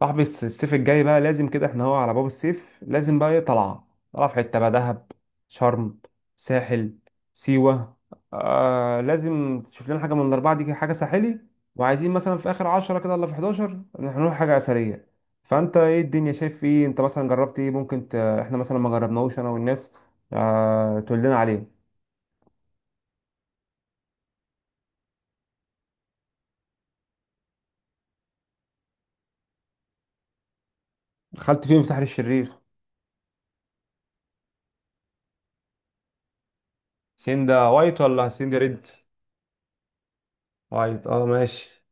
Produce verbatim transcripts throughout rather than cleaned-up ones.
صاحبي الس- الصيف الجاي بقى لازم كده، احنا هو على باب الصيف. لازم بقى ايه، طلعة طلعة في حتة بقى، دهب، شرم، ساحل، سيوة. آه، لازم تشوف لنا حاجة من الأربعة دي كده، حاجة ساحلي. وعايزين مثلا في آخر عشرة كده ولا في حداشر هنروح حاجة أثرية. فأنت ايه الدنيا، شايف ايه، انت مثلا جربت ايه؟ ممكن ت... احنا مثلا ما جربناهوش أنا والناس. آه، تقول لنا عليه. دخلت فين في ساحل الشرير؟ سيندا وايت ولا سيندا ريد؟ وايت، اه ماشي.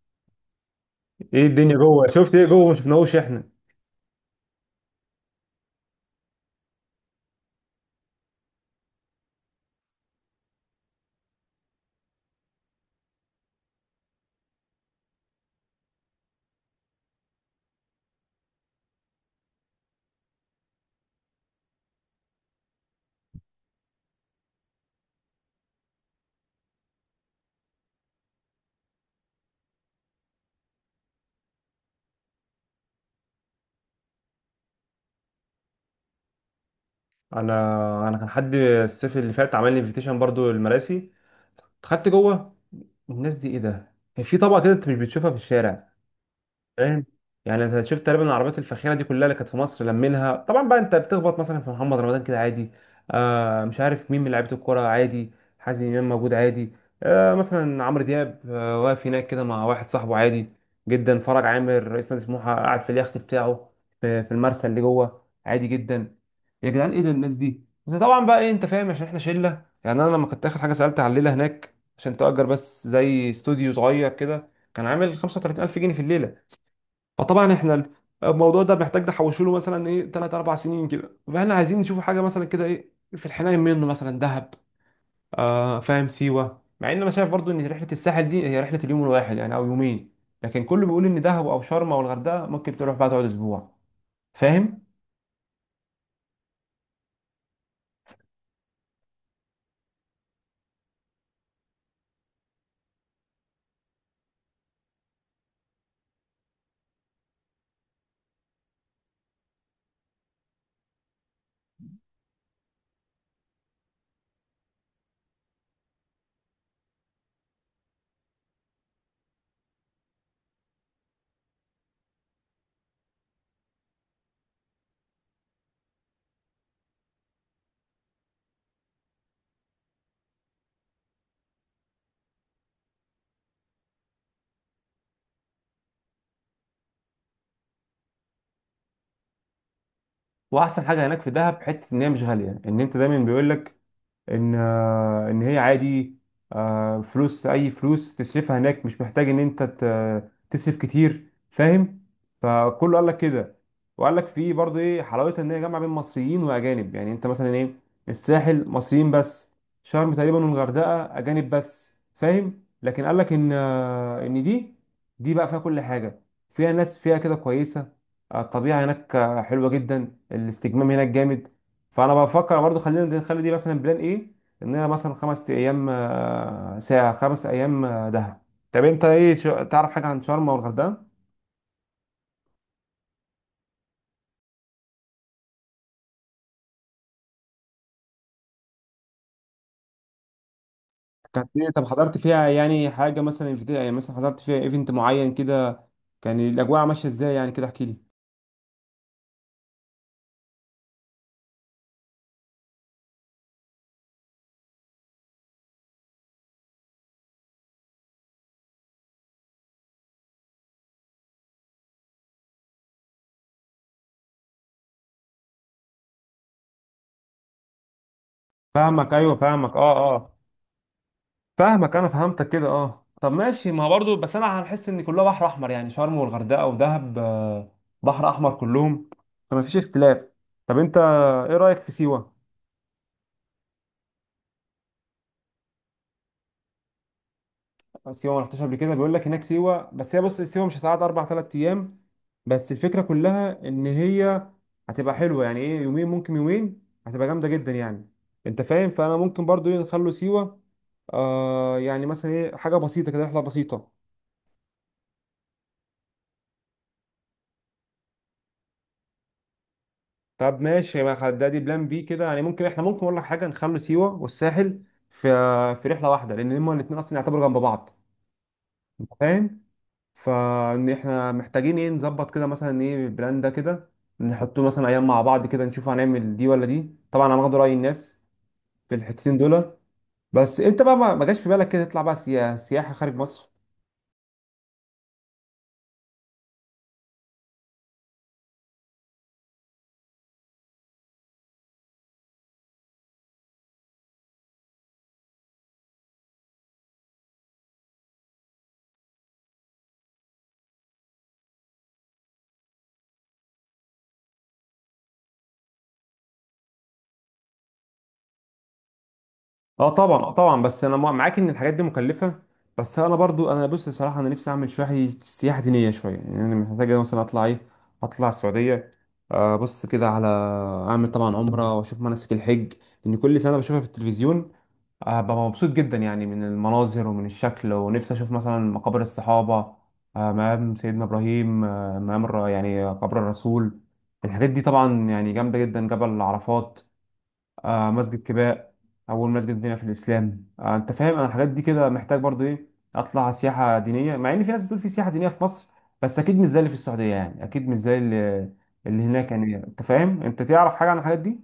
ايه الدنيا جوه، شفت ايه جوه ما شفناهوش احنا؟ انا انا كان حد الصيف اللي فات عمل لي انفيتيشن برضو المراسي، دخلت جوه. الناس دي ايه ده؟ كان في طبقه كده انت مش بتشوفها في الشارع، فاهم. يعني انت شفت تقريبا العربيات الفاخره دي كلها اللي كانت في مصر لمينها طبعا. بقى انت بتخبط مثلا في محمد رمضان كده عادي. آه، مش عارف مين من لعيبه الكوره عادي. حازم امام موجود عادي. آه، مثلا عمرو دياب آه واقف هناك كده مع واحد صاحبه عادي جدا. فرج عامر رئيس نادي سموحه قاعد في اليخت بتاعه في في المرسى اللي جوه عادي جدا. يا جدعان ايه ده الناس دي؟ بس طبعا بقى ايه، انت فاهم عشان احنا شله. يعني انا لما كنت اخر حاجه سالت على الليله هناك عشان تأجر بس زي استوديو صغير كده، كان عامل خمسة وتلاتين الف جنيه في الليله. فطبعا احنا الموضوع ده محتاج نحوشه له مثلا ايه تلاتة اربعة سنين كده. فاحنا عايزين نشوف حاجه مثلا كده، ايه في الحنين منه، مثلا دهب، آه فاهم، سيوه. مع ان انا شايف برضو ان رحله الساحل دي هي رحله اليوم الواحد يعني او يومين، لكن كله بيقول ان دهب او شرم او الغردقه ممكن تروح بقى تقعد اسبوع، فاهم. واحسن حاجه هناك في دهب حته ان هي مش غاليه. ان انت دايما بيقول لك ان آه، ان هي عادي. آه، فلوس اي فلوس تصرفها هناك مش محتاج ان انت ت- تصرف كتير، فاهم. فكله قال لك كده. وقال لك في برضه ايه حلاوتها، ان هي جامعه بين مصريين واجانب. يعني انت مثلا ايه، الساحل مصريين بس، شرم تقريبا والغردقه اجانب بس، فاهم. لكن قال لك ان آه، ان دي دي بقى فيها كل حاجه. فيها ناس فيها كده كويسه. آه، الطبيعه هناك آه، حلوه جدا. الاستجمام هناك جامد. فانا بفكر برضو خلينا نخلي دي مثلا بلان، ايه ان انا مثلا خمس ايام، آه، ساعه خمس ايام، آه، دهب. طب انت ايه، شو- تعرف حاجه عن شرم والغردقه؟ كانت ايه، طب حضرت فيها يعني حاجه مثلا، في يعني مثلا حضرت فيها ايفنت معين كده؟ كان الاجواء ماشيه ازاي يعني كده، احكي لي. فاهمك، ايوه فاهمك، اه اه فاهمك، انا فهمتك كده، اه طب ماشي. ما هو برضو بس انا هنحس ان كلها بحر احمر، يعني شرم والغردقه ودهب آه، بحر احمر كلهم. فما فيش اختلاف. طب انت ايه رايك في سيوه؟ سيوه ما رحتش قبل كده، بيقول لك هناك سيوه. بس هي بص، سيوه مش هتقعد اربع ثلاث ايام. بس الفكره كلها ان هي هتبقى حلوه، يعني ايه يومين، ممكن يومين هتبقى جامده جدا يعني، انت فاهم. فانا ممكن برضو ايه نخلو سيوه، آه، يعني مثلا ايه حاجه بسيطه كده، رحله بسيطه. طب ماشي، ما خد- ده دي بلان بي كده، يعني ممكن احنا، ممكن اقول لك حاجه نخلو سيوه والساحل في في رحله واحده، لان هما الاثنين اصلا يعتبروا جنب بعض، انت فاهم. فان احنا محتاجين ايه نظبط كده مثلا ايه البلان ده كده، نحطه مثلا ايام مع بعض كده نشوف هنعمل دي ولا دي. طبعا انا هاخد رأي الناس في الحتتين دول. بس انت بقى ما ما جاش في بالك كده تطلع بقى سيا- سياحة خارج مصر؟ اه طبعا، اه طبعا، بس انا مع- معاك ان الحاجات دي مكلفة. بس انا برضو انا بص صراحة، انا نفسي اعمل شوية سياحة دينية. شوية يعني انا محتاج مثلا اطلع ايه، اطلع السعودية. آه، بص كده على اعمل طبعا عمرة، واشوف مناسك الحج. لان كل سنة بشوفها في التلفزيون، هبقى مبسوط جدا يعني من المناظر ومن الشكل. ونفسي اشوف مثلا مقابر الصحابة، آه، مقام سيدنا ابراهيم، آه، مقام الر- يعني قبر الرسول. الحاجات دي طبعا يعني جامدة جدا. جبل عرفات، آه، مسجد كباء اول مسجد بنا في الاسلام. آه، انت فاهم انا الحاجات دي كده محتاج برضو ايه اطلع سياحة دينية. مع ان في ناس بتقول في سياحة دينية في مصر، بس اكيد مش زي اللي في السعودية. يعني اكيد مش زي اللي اللي هناك. يعني انت فاهم، انت تعرف حاجة عن الحاجات دي؟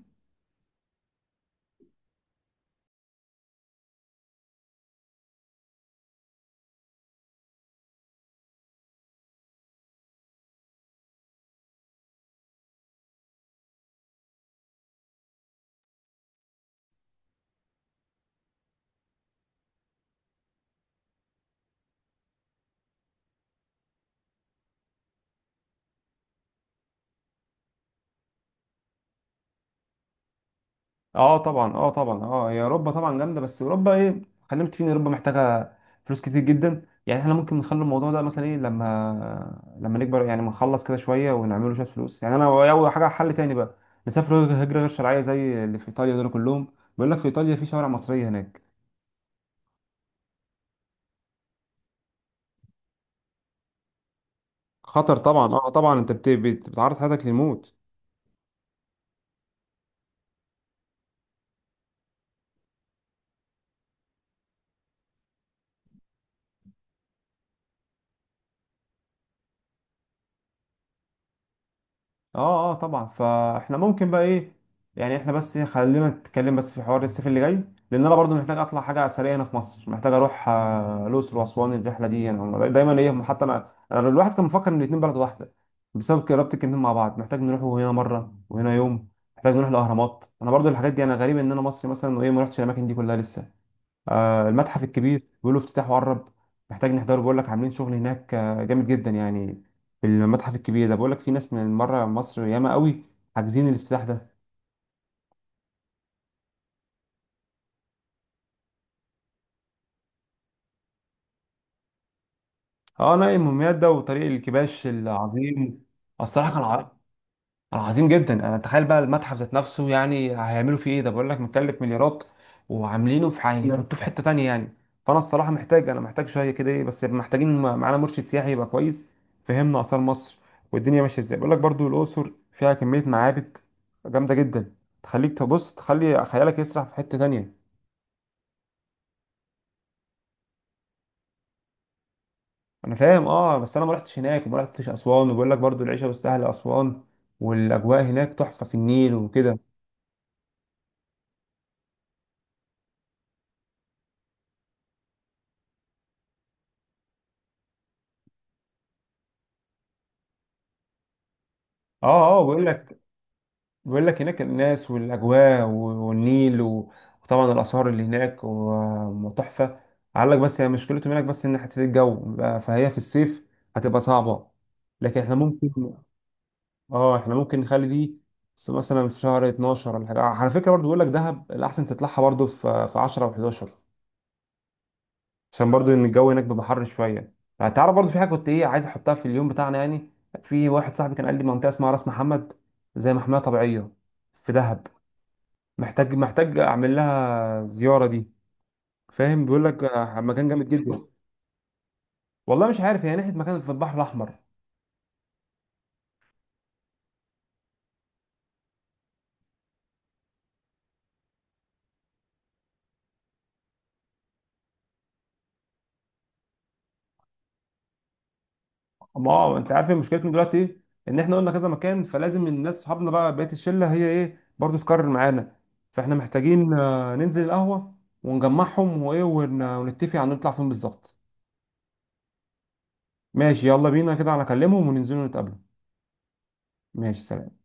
اه طبعا، اه طبعا، اه هي اوروبا طبعا جامده. بس اوروبا ايه، خلينا متفقين إن اوروبا محتاجه فلوس كتير جدا. يعني احنا ممكن نخلي الموضوع ده مثلا ايه لما لما نكبر يعني، ما نخلص كده شويه ونعمله شويه فلوس. يعني انا اول حاجه حل تاني بقى، نسافر هجره غير شرعيه زي اللي في ايطاليا دول كلهم. بيقول لك في ايطاليا في شوارع مصريه هناك. خطر طبعا، اه طبعا، انت بت- بت- بتعرض حياتك للموت. اه اه طبعا، فاحنا ممكن بقى ايه، يعني احنا بس إيه، خلينا نتكلم بس في حوار الصيف اللي جاي. لان انا برضو محتاج اطلع حاجه اثريه هنا في مصر. محتاج اروح آه، الاقصر واسوان. الرحله دي يعني دايما ايه، حتى انا أنا الواحد كان مفكر ان الاتنين بلد واحده بسبب قرابه الاتنين مع بعض. محتاج نروح هنا مره وهنا يوم. محتاج نروح الاهرامات. انا برضو الحاجات دي، انا غريب ان انا مصري مثلا وايه ما رحتش الاماكن دي كلها لسه. آه، المتحف الكبير بيقولوا افتتاحه قرب، محتاج نحضره. بيقول لك عاملين شغل هناك آه، جامد جدا يعني. في المتحف الكبير ده بيقول لك في ناس من بره مصر ياما قوي حاجزين الافتتاح ده. اه نايم دمياط ده وطريق الكباش العظيم الصراحه كان. انا عظيم جدا انا تخيل بقى المتحف ذات نفسه، يعني هيعملوا فيه ايه؟ ده بقول لك مكلف مليارات وعاملينه في حاجه، نعم. يحطوه في حته تانية يعني. فانا الصراحه محتاج انا محتاج شويه كده ايه. بس محتاجين م- معانا مرشد سياحي يبقى كويس. فهمنا اثار مصر والدنيا ماشيه ازاي. بقول لك برضو الاقصر فيها كميه معابد جامده جدا، تخليك تبص تخلي خيالك يسرح في حته تانية. انا فاهم، اه بس انا ما رحتش هناك وما رحتش اسوان. وبقول لك برضو العيشه مستاهله اسوان، والاجواء هناك تحفه في النيل وكده. اه اه بقول لك بيقول لك هناك الناس والاجواء و- والنيل و- وطبعا الاسعار اللي هناك و- وتحفه. قال لك بس هي مشكلته هناك بس ان حته الجو بقى- فهي في الصيف هتبقى صعبه. لكن احنا ممكن، اه احنا ممكن نخلي دي في مثلا في شهر اتناشر ولا حاجه. على فكره برضو بيقول لك دهب الاحسن تطلعها برضو في في عشرة و11، عشان برضو ان الجو هناك بيبقى حر شويه. يعني تعرف برضو في حاجه كنت ايه عايز احطها في اليوم بتاعنا يعني. في واحد صاحبي كان قال لي منطقه اسمها راس محمد، زي محميه طبيعيه في دهب. محتاج محتاج اعمل لها زياره دي، فاهم. بيقول لك آه، مكان جامد جدا. والله مش عارف، هي ناحيه مكان في البحر الاحمر. ما هو انت عارف إيه مشكلتنا دلوقتي ايه، ان احنا قلنا كذا مكان. فلازم الناس صحابنا بقى بقيه الشله هي ايه برضو تكرر معانا. فاحنا محتاجين آه، ننزل القهوه ونجمعهم وايه ون- ونتفق على نطلع فين بالظبط. ماشي يلا بينا كده، انا اكلمهم وننزلوا نتقابلوا. ماشي سلام.